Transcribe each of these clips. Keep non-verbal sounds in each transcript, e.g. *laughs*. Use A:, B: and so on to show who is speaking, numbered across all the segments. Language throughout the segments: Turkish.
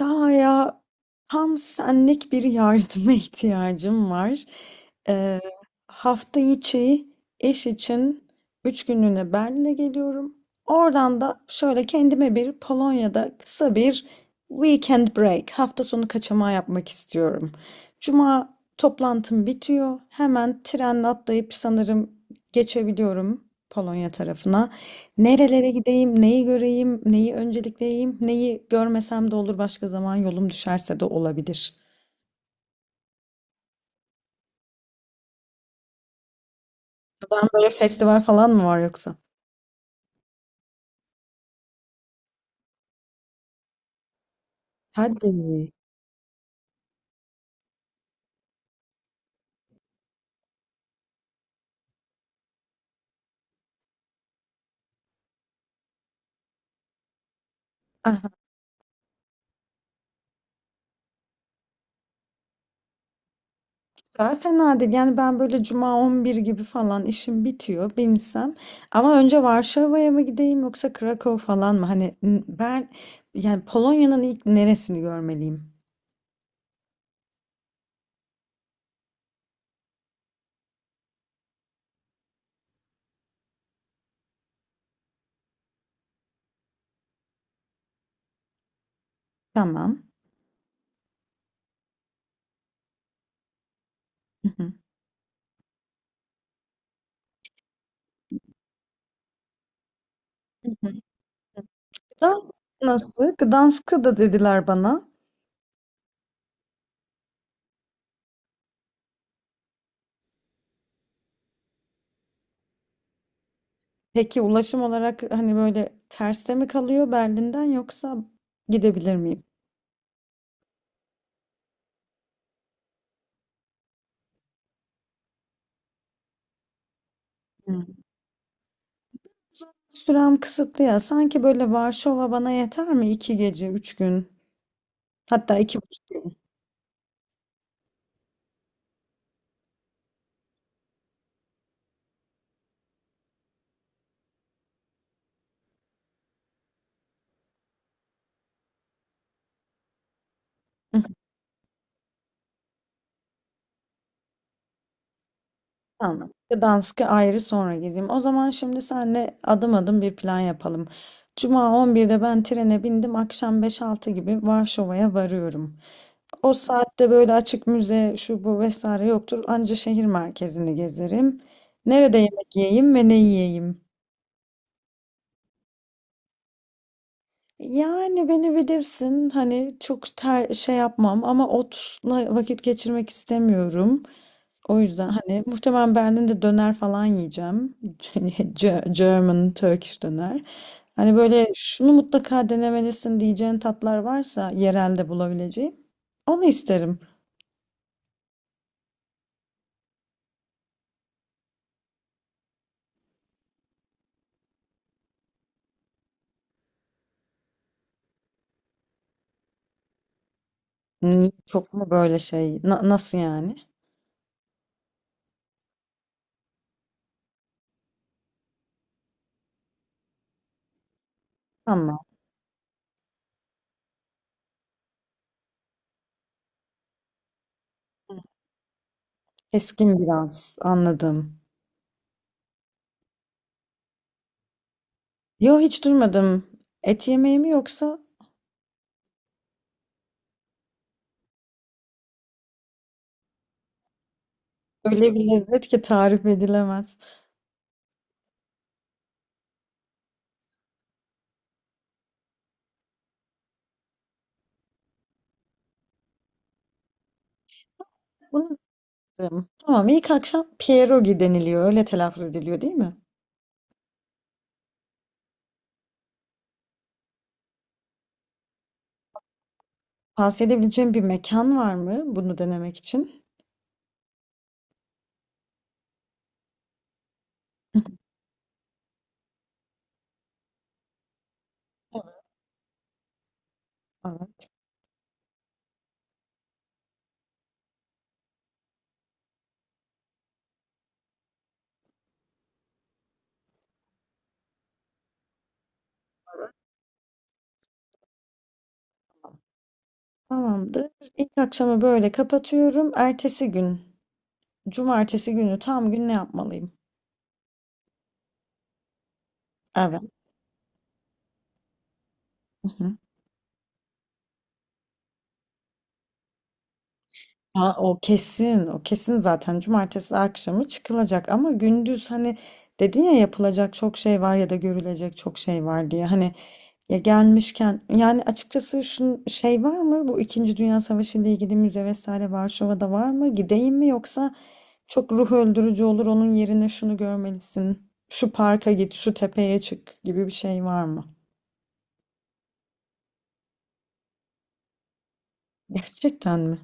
A: Ya ya, tam senlik bir yardıma *laughs* ihtiyacım var. Ee, Hafta içi iş için 3 günlüğüne Berlin'e geliyorum. Oradan da şöyle kendime bir Polonya'da kısa bir weekend break, hafta sonu kaçamağı yapmak istiyorum. Cuma toplantım bitiyor. Hemen trenle atlayıp sanırım geçebiliyorum Polonya tarafına. Nerelere gideyim, neyi göreyim, neyi öncelikleyeyim, neyi görmesem de olur, başka zaman yolum düşerse de olabilir. Buradan böyle festival falan mı var yoksa? Hadi. Aha, daha fena değil. Yani ben böyle cuma 11 gibi falan işim bitiyor, binsem. Ama önce Varşova'ya mı gideyim yoksa Krakow falan mı? Hani ben yani Polonya'nın ilk neresini görmeliyim? Tamam. Hı hı. Hı hı. Gdansk nasıl? Gdansk'ı da dediler bana. Peki ulaşım olarak hani böyle terste mi kalıyor Berlin'den yoksa gidebilir miyim? Hı. Sürem kısıtlı ya. Sanki böyle Varşova bana yeter mi? 2 gece, 3 gün. Hatta 2,5 gün. Hı. Tamam. Gdansk'ı ayrı sonra gezeyim. O zaman şimdi senle adım adım bir plan yapalım. Cuma 11'de ben trene bindim. Akşam 5-6 gibi Varşova'ya varıyorum. O saatte böyle açık müze şu bu vesaire yoktur. Anca şehir merkezini gezerim. Nerede yemek yiyeyim ve ne yiyeyim? Yani beni bilirsin, hani çok şey yapmam ama otla vakit geçirmek istemiyorum. O yüzden hani muhtemelen Berlin'de döner falan yiyeceğim. *laughs* German, Turkish döner. Hani böyle şunu mutlaka denemelisin diyeceğin tatlar varsa yerelde bulabileceğim. Onu isterim. Hmm, çok mu böyle şey? Nasıl yani? Ama keskin, biraz anladım. Yo, hiç duymadım. Et yemeği mi yoksa öyle bir lezzet ki tarif edilemez. Bunu isterim. Tamam, ilk akşam pierogi deniliyor. Öyle telaffuz ediliyor değil mi? Tavsiye edebileceğim bir mekan var mı bunu denemek için? Evet. *laughs* Evet, tamamdır. İlk akşamı böyle kapatıyorum. Ertesi gün, cumartesi günü tam gün ne yapmalıyım? Evet. Ha, o kesin, o kesin zaten cumartesi akşamı çıkılacak, ama gündüz hani dedin ya yapılacak çok şey var ya da görülecek çok şey var diye, hani ya gelmişken yani açıkçası şu şey var mı, bu İkinci Dünya Savaşı ile ilgili müze vesaire Varşova'da var mı, gideyim mi, yoksa çok ruh öldürücü olur, onun yerine şunu görmelisin, şu parka git, şu tepeye çık gibi bir şey var mı? Gerçekten mi?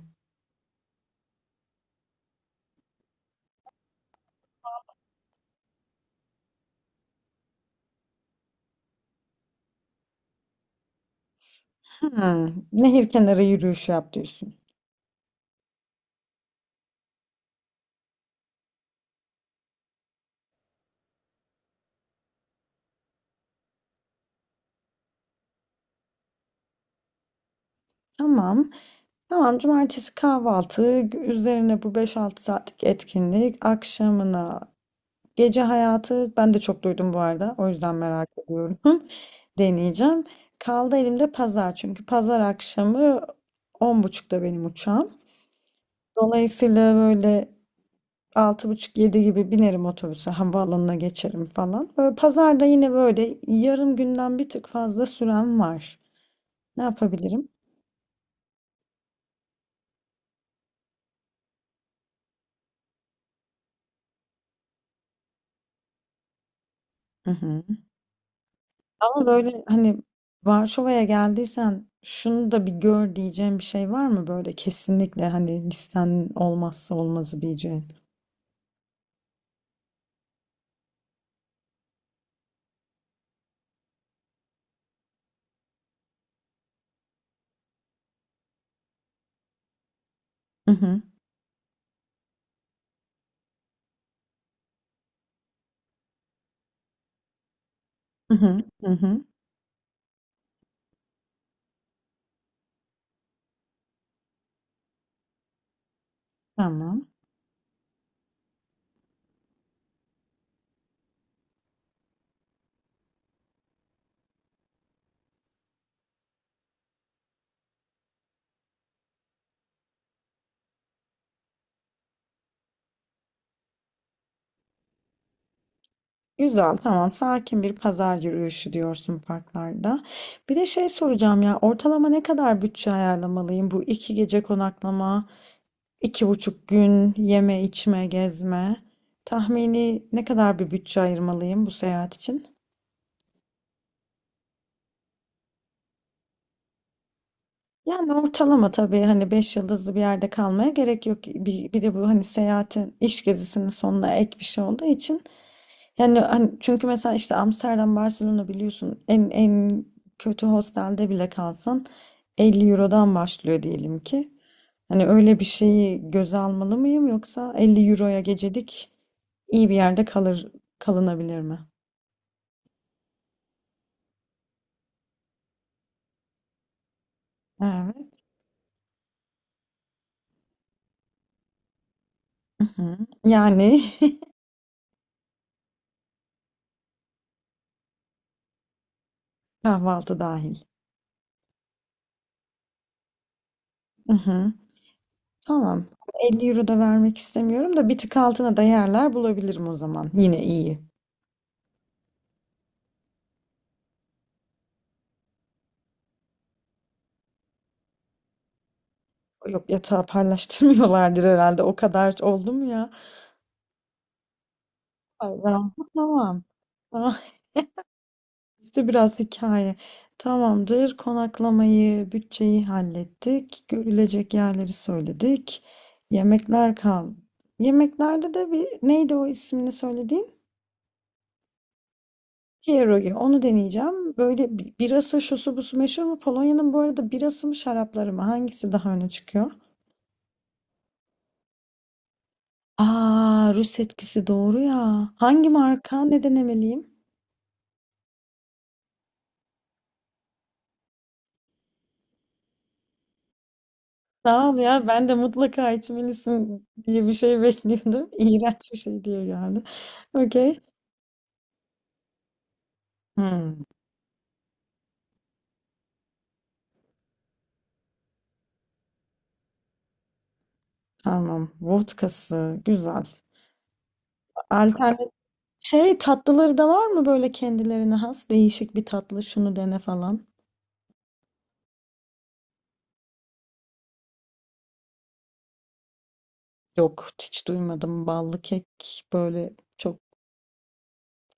A: Hmm, nehir kenarı yürüyüşü yap diyorsun. Tamam. Tamam, cumartesi kahvaltı, üzerine bu 5-6 saatlik etkinlik, akşamına gece hayatı, ben de çok duydum bu arada, o yüzden merak ediyorum. *laughs* Deneyeceğim. Kaldı elimde pazar, çünkü pazar akşamı 10.30'da benim uçağım. Dolayısıyla böyle altı buçuk yedi gibi binerim otobüse, havaalanına geçerim falan. Böyle pazarda yine böyle yarım günden bir tık fazla süren var. Ne yapabilirim? Hı hı. Ama böyle hani Varşova'ya geldiysen şunu da bir gör diyeceğim bir şey var mı, böyle kesinlikle hani listenin olmazsa olmazı diyeceğin? Hı hı, hı hı, hı hı, tamam. Güzel, tamam. Sakin bir pazar yürüyüşü diyorsun parklarda. Bir de şey soracağım ya, ortalama ne kadar bütçe ayarlamalıyım bu iki gece konaklama, 2,5 gün yeme içme gezme? Tahmini ne kadar bir bütçe ayırmalıyım bu seyahat için? Yani ortalama tabii, hani 5 yıldızlı bir yerde kalmaya gerek yok. Bir de bu hani seyahatin iş gezisinin sonuna ek bir şey olduğu için. Yani hani çünkü mesela işte Amsterdam, Barcelona biliyorsun en kötü hostelde bile kalsan 50 Euro'dan başlıyor diyelim ki. Hani öyle bir şeyi göze almalı mıyım yoksa 50 Euro'ya gecelik iyi bir yerde kalınabilir mi? Evet. Hı hı. Yani *laughs* kahvaltı dahil. Tamam. 50 euro da vermek istemiyorum da bir tık altına da yerler bulabilirim o zaman. Yine iyi. Yok, yatağı paylaştırmıyorlardır herhalde. O kadar oldu mu ya? Ay, ben- Tamam. Tamam. *laughs* İşte biraz hikaye. Tamamdır. Konaklamayı, bütçeyi hallettik. Görülecek yerleri söyledik. Yemekler kal. Yemeklerde de bir neydi o ismini söyledi? Pierogi. Onu deneyeceğim. Böyle birası şusu busu meşhur mu? Polonya'nın bu arada birası mı şarapları mı? Hangisi daha öne çıkıyor? Aa, Rus etkisi doğru ya. Hangi marka? Ne denemeliyim? Sağ ol ya. Ben de mutlaka içmelisin diye bir şey bekliyordum. *laughs* İğrenç bir şey diye geldi. Okey. Hmm, tamam. Vodkası. Güzel. Alternatif. Şey tatlıları da var mı böyle kendilerine has? Değişik bir tatlı. Şunu dene falan. Yok, hiç duymadım. Ballı kek böyle çok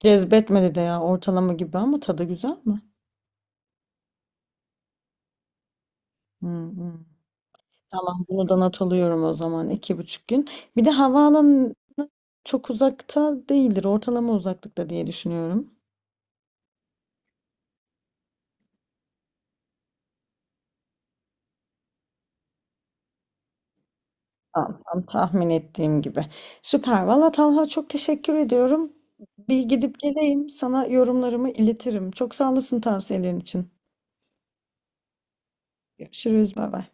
A: cezbetmedi de ya, ortalama gibi, ama tadı güzel mi? Hı hı. Tamam, bunu da not alıyorum o zaman, 2,5 gün. Bir de havaalanı çok uzakta değildir. Ortalama uzaklıkta diye düşünüyorum. Tamam, tam tahmin ettiğim gibi. Süper. Valla Talha, çok teşekkür ediyorum. Bir gidip geleyim, sana yorumlarımı iletirim. Çok sağ olasın tavsiyelerin için. Görüşürüz. Bay bay.